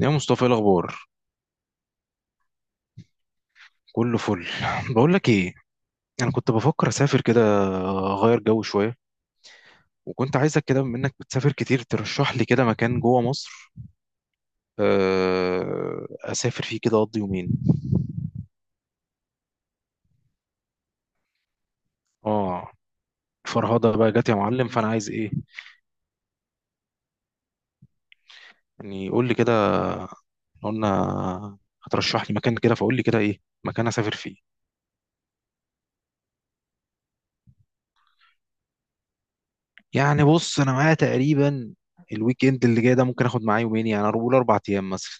يا مصطفى، إيه الاخبار؟ كله فل. بقول لك ايه، انا كنت بفكر اسافر كده، اغير جو شويه، وكنت عايزك كده بما انك بتسافر كتير ترشح لي كده مكان جوه مصر. اسافر فيه كده اقضي يومين. اه، فرهضه بقى جت يا معلم، فانا عايز ايه يعني؟ قول لي كده. قلنا هترشح لي مكان كده، فقول لي كده ايه مكان اسافر فيه. يعني بص، انا معايا تقريبا الويك اند اللي جاي ده، ممكن اخد معايا يومين، يعني اقول اربع ايام مثلا.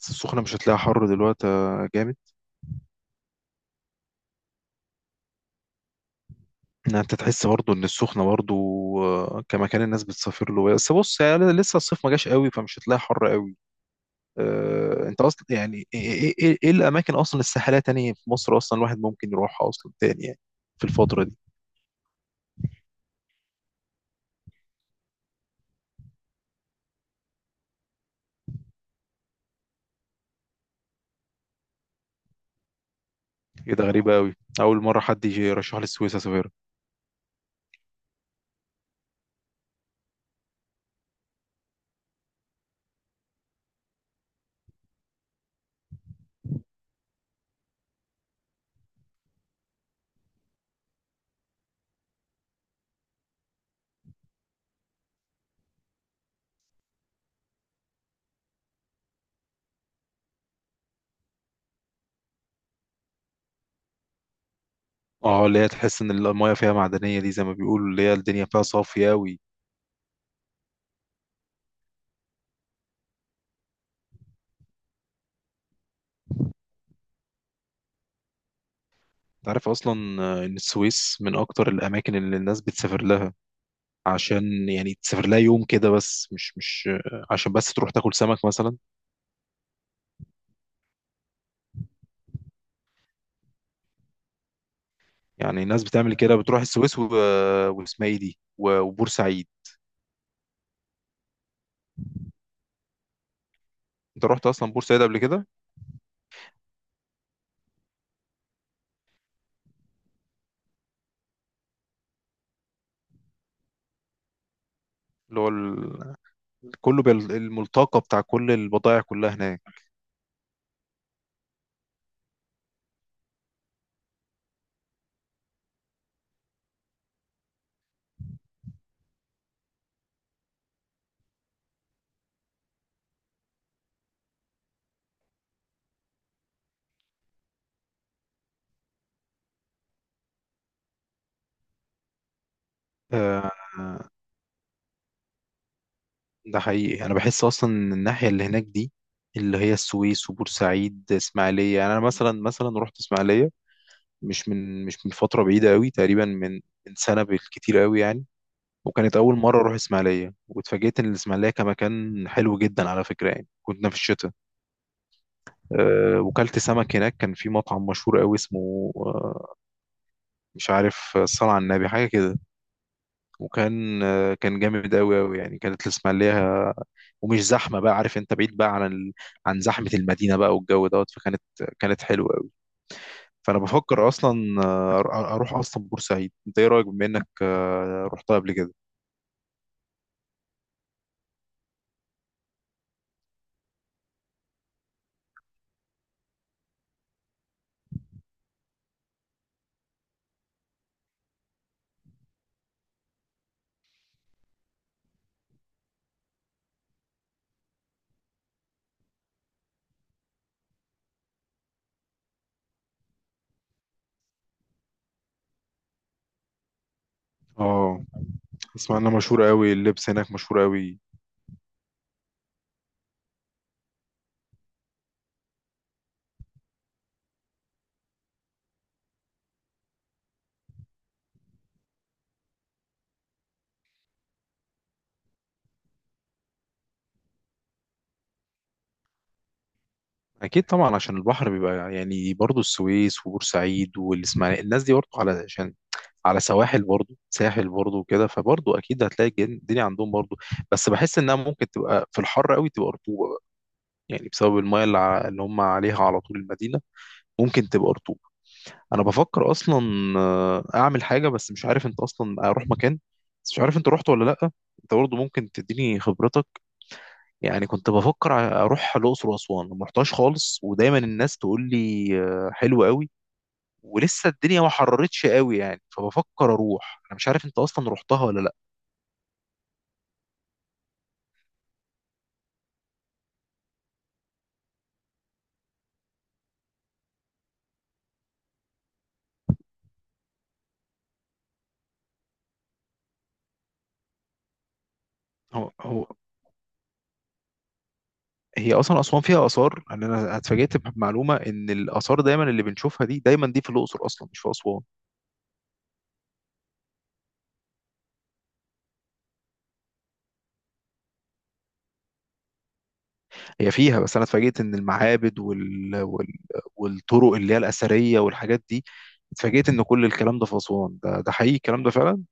بس السخنه مش هتلاقيها حر دلوقتي، جامد. إن انت تحس برضو ان السخنه برضو كمكان الناس بتسافر له، بس بص يعني لسه الصيف ما جاش قوي، فمش هتلاقي حر قوي. انت اصلا يعني ايه، إيه الاماكن اصلا الساحليه تاني في مصر اصلا الواحد ممكن يروحها اصلا تاني يعني، في الفتره دي. ايه ده؟ غريبه قوي، اول مره حد يجي يرشح لي السويس اسافر. اه، اللي هي تحس ان المايه فيها معدنيه دي، زي ما بيقولوا اللي هي الدنيا فيها صافيه قوي. انت عارف اصلا ان السويس من اكتر الاماكن اللي الناس بتسافر لها، عشان يعني تسافر لها يوم كده بس، مش عشان بس تروح تاكل سمك مثلا. يعني الناس بتعمل كده، بتروح السويس و- واسمها ايه دي و- وبورسعيد. انت رحت اصلا بورسعيد قبل كده؟ اللي هو ال- كله بال- الملتقى بتاع كل البضائع كلها هناك. آه، ده حقيقي، انا بحس اصلا إن الناحيه اللي هناك دي، اللي هي السويس وبورسعيد اسماعيليه، يعني انا مثلا رحت اسماعيليه مش من فتره بعيده قوي، تقريبا من سنه بالكتير قوي يعني. وكانت أول مرة أروح إسماعيلية، واتفاجئت إن الإسماعيلية كمكان حلو جدا على فكرة، يعني كنا في الشتاء. وكلت سمك هناك، كان في مطعم مشهور أوي اسمه مش عارف، الصلاة على النبي حاجة كده. وكان أه كان جامد أوي أوي يعني، كانت الإسماعيلية ومش زحمة بقى، عارف أنت بعيد بقى عن زحمة المدينة بقى، والجو دوت، فكانت حلوة أوي. فأنا بفكر أصلا أروح أصلا بورسعيد. أنت إيه رأيك، بما إنك رحتها قبل كده؟ اه اسمع، انها مشهورة قوي، اللبس هناك مشهور قوي. اكيد طبعا، عشان البحر بيبقى يعني برضه السويس وبورسعيد والاسماعيليه، الناس دي برضه على عشان على سواحل برضه ساحل برضه وكده، فبرضه اكيد هتلاقي الدنيا عندهم برضه. بس بحس انها ممكن تبقى في الحر قوي تبقى رطوبه بقى، يعني بسبب المايه اللي هم عليها على طول المدينه، ممكن تبقى رطوبه. انا بفكر اصلا اعمل حاجه، بس مش عارف انت اصلا اروح مكان، بس مش عارف انت رحت ولا لا. انت برضه ممكن تديني خبرتك. يعني كنت بفكر اروح الاقصر واسوان، ما رحتهاش خالص، ودايما الناس تقول لي حلو قوي، ولسه الدنيا ما حررتش قوي يعني، فبفكر اروح. انا مش عارف انت اصلا رحتها ولا لا. هو هو هي اصلا اسوان فيها اثار، يعني انا اتفاجئت بمعلومه ان الاثار دايما اللي بنشوفها دي دايما دي في الاقصر اصلا مش في اسوان. هي فيها، بس انا اتفاجئت ان المعابد والطرق اللي هي الاثريه والحاجات دي، اتفاجئت ان كل الكلام ده في اسوان، ده حقيقي الكلام ده فعلا.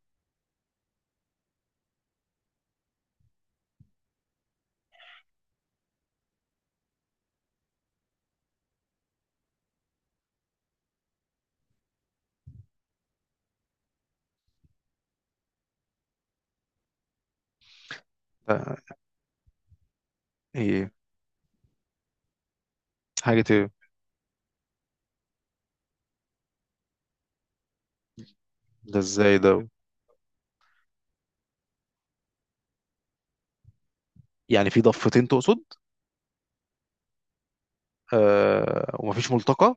ده ايه؟ حاجه ايه؟ ده ازاي ده؟ يعني في ضفتين تقصد؟ آه، ومفيش ملتقى؟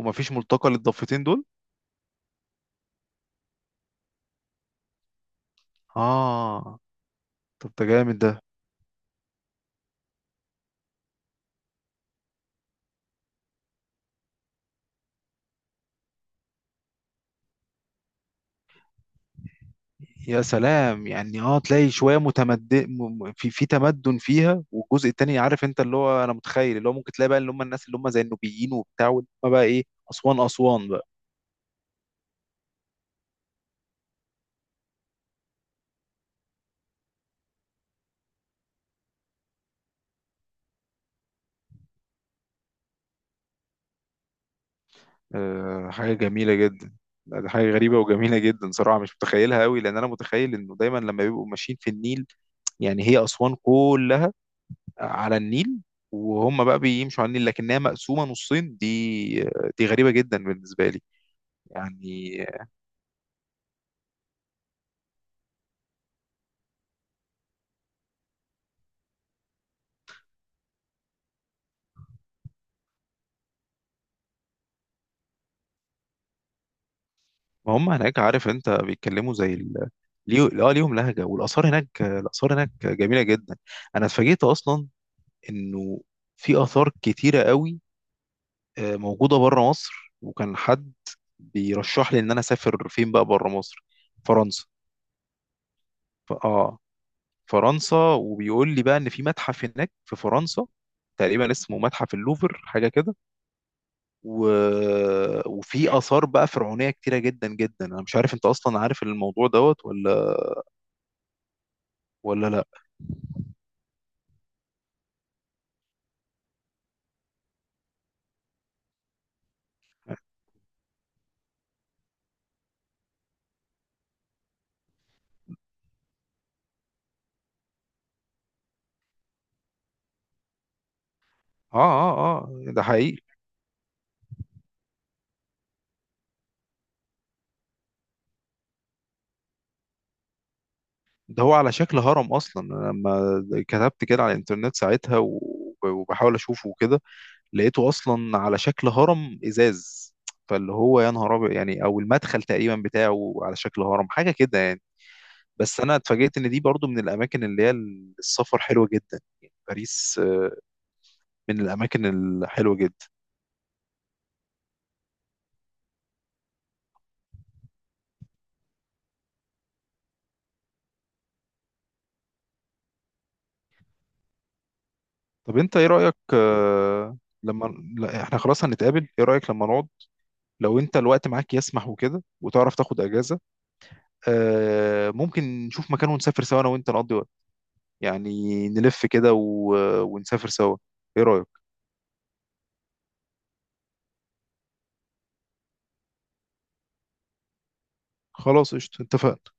ومفيش ملتقى للضفتين دول؟ اه. طب ده جامد ده. يا سلام، يعني اه تلاقي شويه متمدن، في تمدن فيها، والجزء التاني عارف انت اللي هو، انا متخيل اللي هو ممكن تلاقي بقى اللي هم الناس اللي هم زي النوبيين وبتاع، واللي هم بقى ايه، اسوان اسوان بقى. آه حاجه جميله جدا. لا، دي حاجه غريبه وجميله جدا صراحه، مش متخيلها قوي، لان انا متخيل انه دايما لما بيبقوا ماشيين في النيل، يعني هي اسوان كل على النيل، وهم بقى بيمشوا على النيل لكنها مقسومة نصين دي، دي غريبة جدا بالنسبة لي. يعني ما هم هناك عارف انت بيتكلموا اه ليهم لهجة، والآثار هناك الآثار هناك جميلة جدا. انا اتفاجئت اصلا انه في آثار كتيرة قوي موجودة بره مصر، وكان حد بيرشح لي ان انا اسافر فين بقى بره مصر، فرنسا. ف... اه فرنسا، وبيقول لي بقى ان في متحف هناك في فرنسا تقريبا اسمه متحف اللوفر حاجة كده، و... وفي آثار بقى فرعونية كتيرة جدا جدا. أنا مش عارف أنت أصلا عارف الموضوع دوت ولا لأ. آه آه آه، ده حقيقي. ده هو على شكل هرم أصلا. أنا لما كتبت كده على الإنترنت ساعتها و... وبحاول أشوفه وكده، لقيته أصلا على شكل هرم إزاز، فاللي هو يا نهار أبيض يعني. أو المدخل تقريبا بتاعه على شكل هرم حاجة كده يعني. بس أنا اتفاجئت إن دي برضو من الأماكن اللي هي السفر حلوة جدا، يعني باريس من الأماكن الحلوة جدا. طب انت ايه رأيك آه، لما لا، احنا خلاص هنتقابل، ايه رأيك لما نقعد، لو انت الوقت معاك يسمح وكده وتعرف تاخد اجازة، ممكن نشوف مكان ونسافر سوا انا وانت، نقضي وقت يعني، نلف كده و... ونسافر سوا. ايه رأيك؟ خلاص قشطة، اتفقنا.